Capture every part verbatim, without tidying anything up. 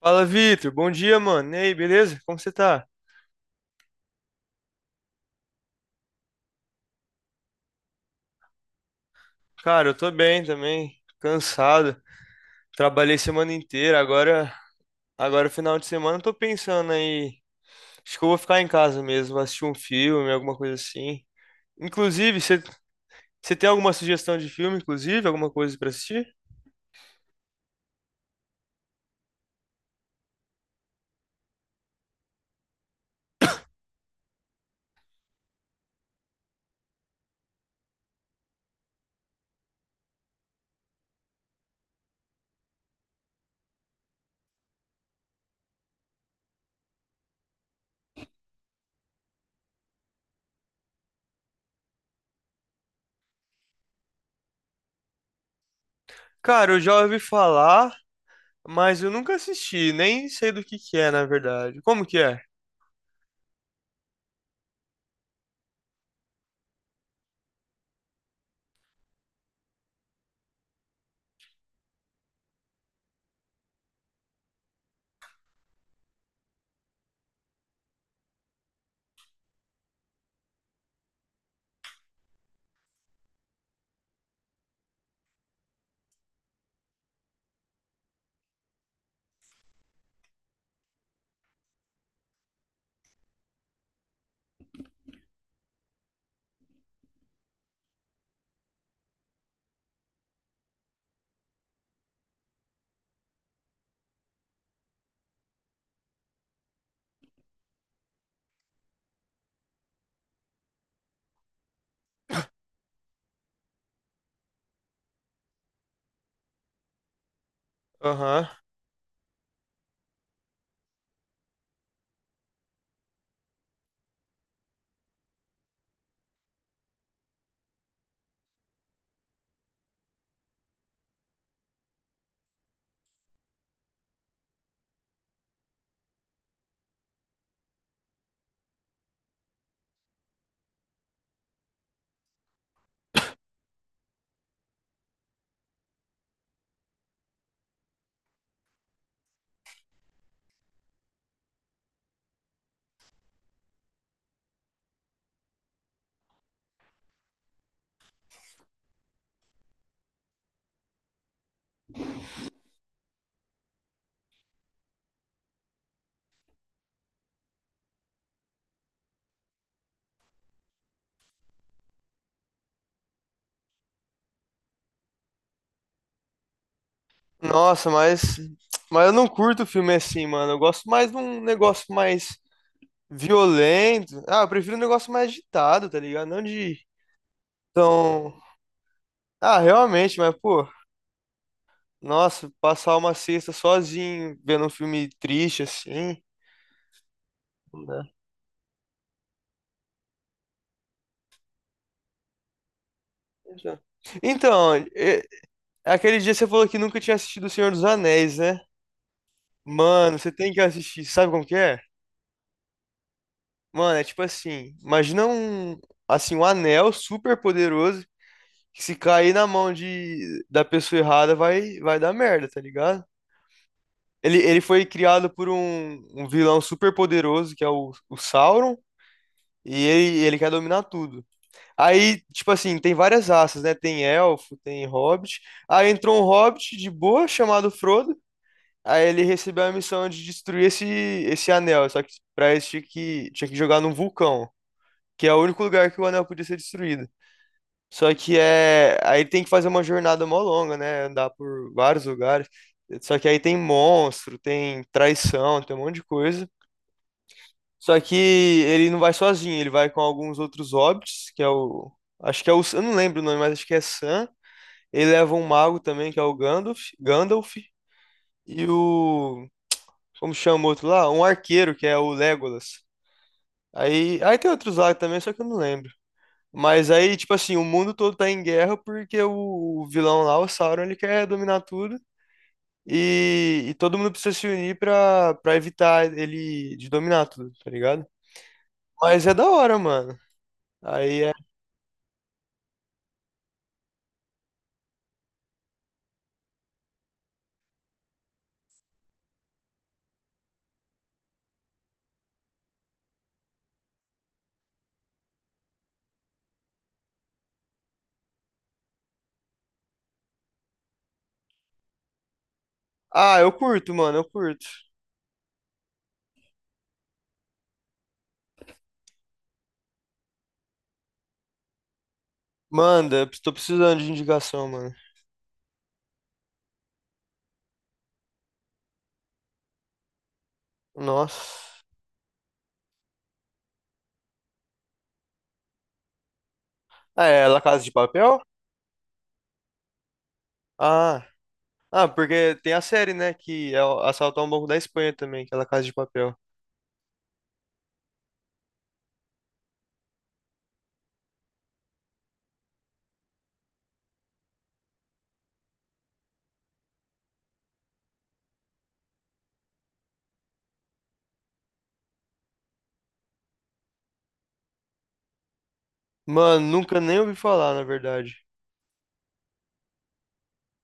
Fala, Vitor. Bom dia, mano. E aí, beleza? Como você tá? Cara, eu tô bem também. Cansado. Trabalhei semana inteira. Agora, agora final de semana, eu tô pensando aí. Acho que eu vou ficar em casa mesmo, vou assistir um filme, alguma coisa assim. Inclusive, você você tem alguma sugestão de filme, inclusive? Alguma coisa pra assistir? Cara, eu já ouvi falar, mas eu nunca assisti. Nem sei do que que é, na verdade. Como que é? Aham. Nossa, mas. Mas eu não curto filme assim, mano. Eu gosto mais de um negócio mais violento. Ah, eu prefiro um negócio mais agitado, tá ligado? Não de tão. Ah, realmente, mas, pô, nossa, passar uma sexta sozinho, vendo um filme triste assim. Não dá. Já. Então, e- aquele dia você falou que nunca tinha assistido O Senhor dos Anéis, né? Mano, você tem que assistir. Sabe como que é? Mano, é tipo assim, imagina um, assim, um anel super poderoso que se cair na mão de, da pessoa errada vai, vai dar merda, tá ligado? Ele, ele foi criado por um, um vilão super poderoso, que é o, o Sauron, e ele, ele quer dominar tudo. Aí, tipo assim, tem várias raças, né? Tem elfo, tem hobbit. Aí entrou um hobbit de boa, chamado Frodo. Aí ele recebeu a missão de destruir esse, esse anel, só que pra isso tinha que, tinha que jogar num vulcão, que é o único lugar que o anel podia ser destruído. Só que é. Aí tem que fazer uma jornada mó longa, né? Andar por vários lugares. Só que aí tem monstro, tem traição, tem um monte de coisa. Só que ele não vai sozinho, ele vai com alguns outros hobbits, que é o. Acho que é o. Eu não lembro o nome, mas acho que é Sam. Ele leva um mago também, que é o Gandalf. Gandalf. E o. Como chama o outro lá? Um arqueiro, que é o Legolas. Aí, aí tem outros lá também, só que eu não lembro. Mas aí, tipo assim, o mundo todo tá em guerra porque o o vilão lá, o Sauron, ele quer dominar tudo. E, e todo mundo precisa se unir pra, pra evitar ele de dominar tudo, tá ligado? Mas é da hora, mano. Aí ah, eu curto, mano, eu curto. Manda, tô precisando de indicação, mano. Nossa. Ah, é La Casa de Papel? Ah. Ah, porque tem a série, né, que é o- Assaltar um Banco da Espanha também, que é La Casa de Papel. Mano, nunca nem ouvi falar, na verdade.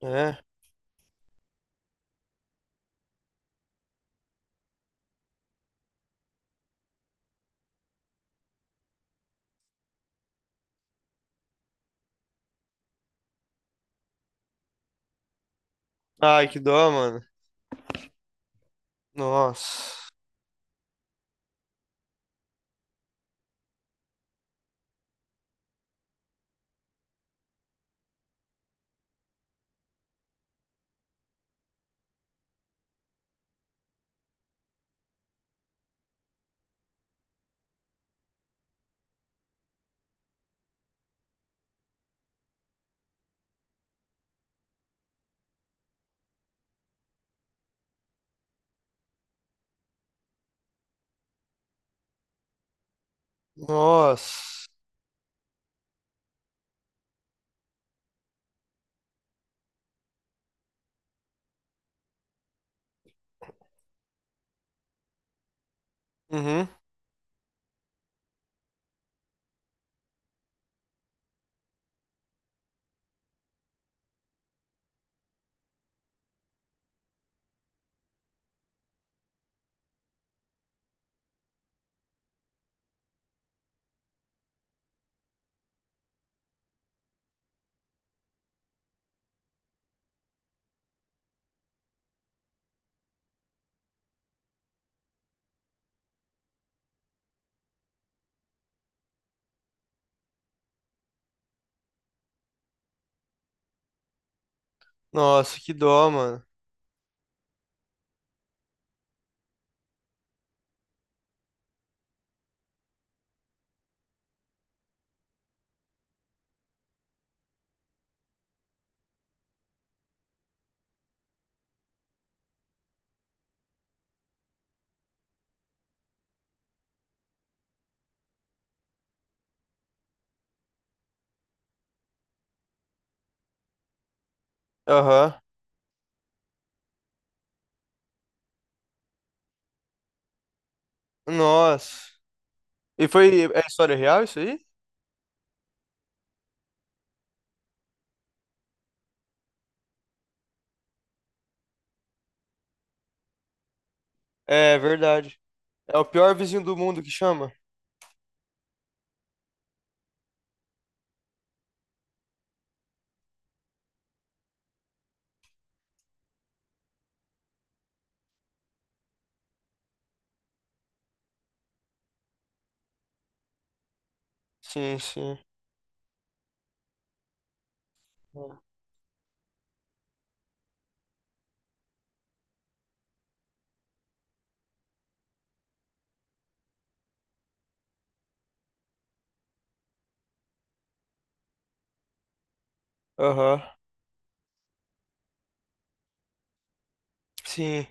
É. Ai, que dó, mano. Nossa. Nossa. Uhum. Nossa, que dó, mano. Aham. Nossa. E foi. É história real isso aí? É verdade. É o pior vizinho do mundo que chama? Sim, sim. Aham. Sim.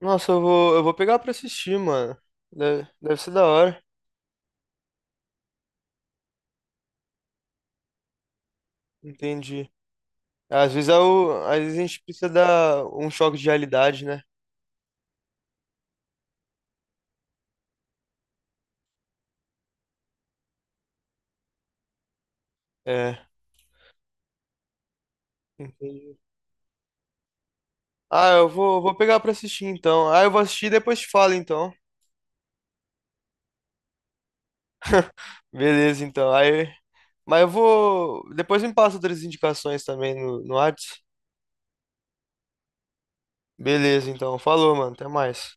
Nossa, eu vou, eu vou pegar pra assistir, mano. Deve, deve ser da hora. Entendi. Às vezes, é o, às vezes a gente precisa dar um choque de realidade, né? É. Entendi. Ah, eu vou, vou pegar pra assistir então. Ah, eu vou assistir e depois te falo então. Beleza, então. Aí, mas eu vou. Depois me passa outras indicações também no, no Whats. Beleza, então. Falou, mano. Até mais.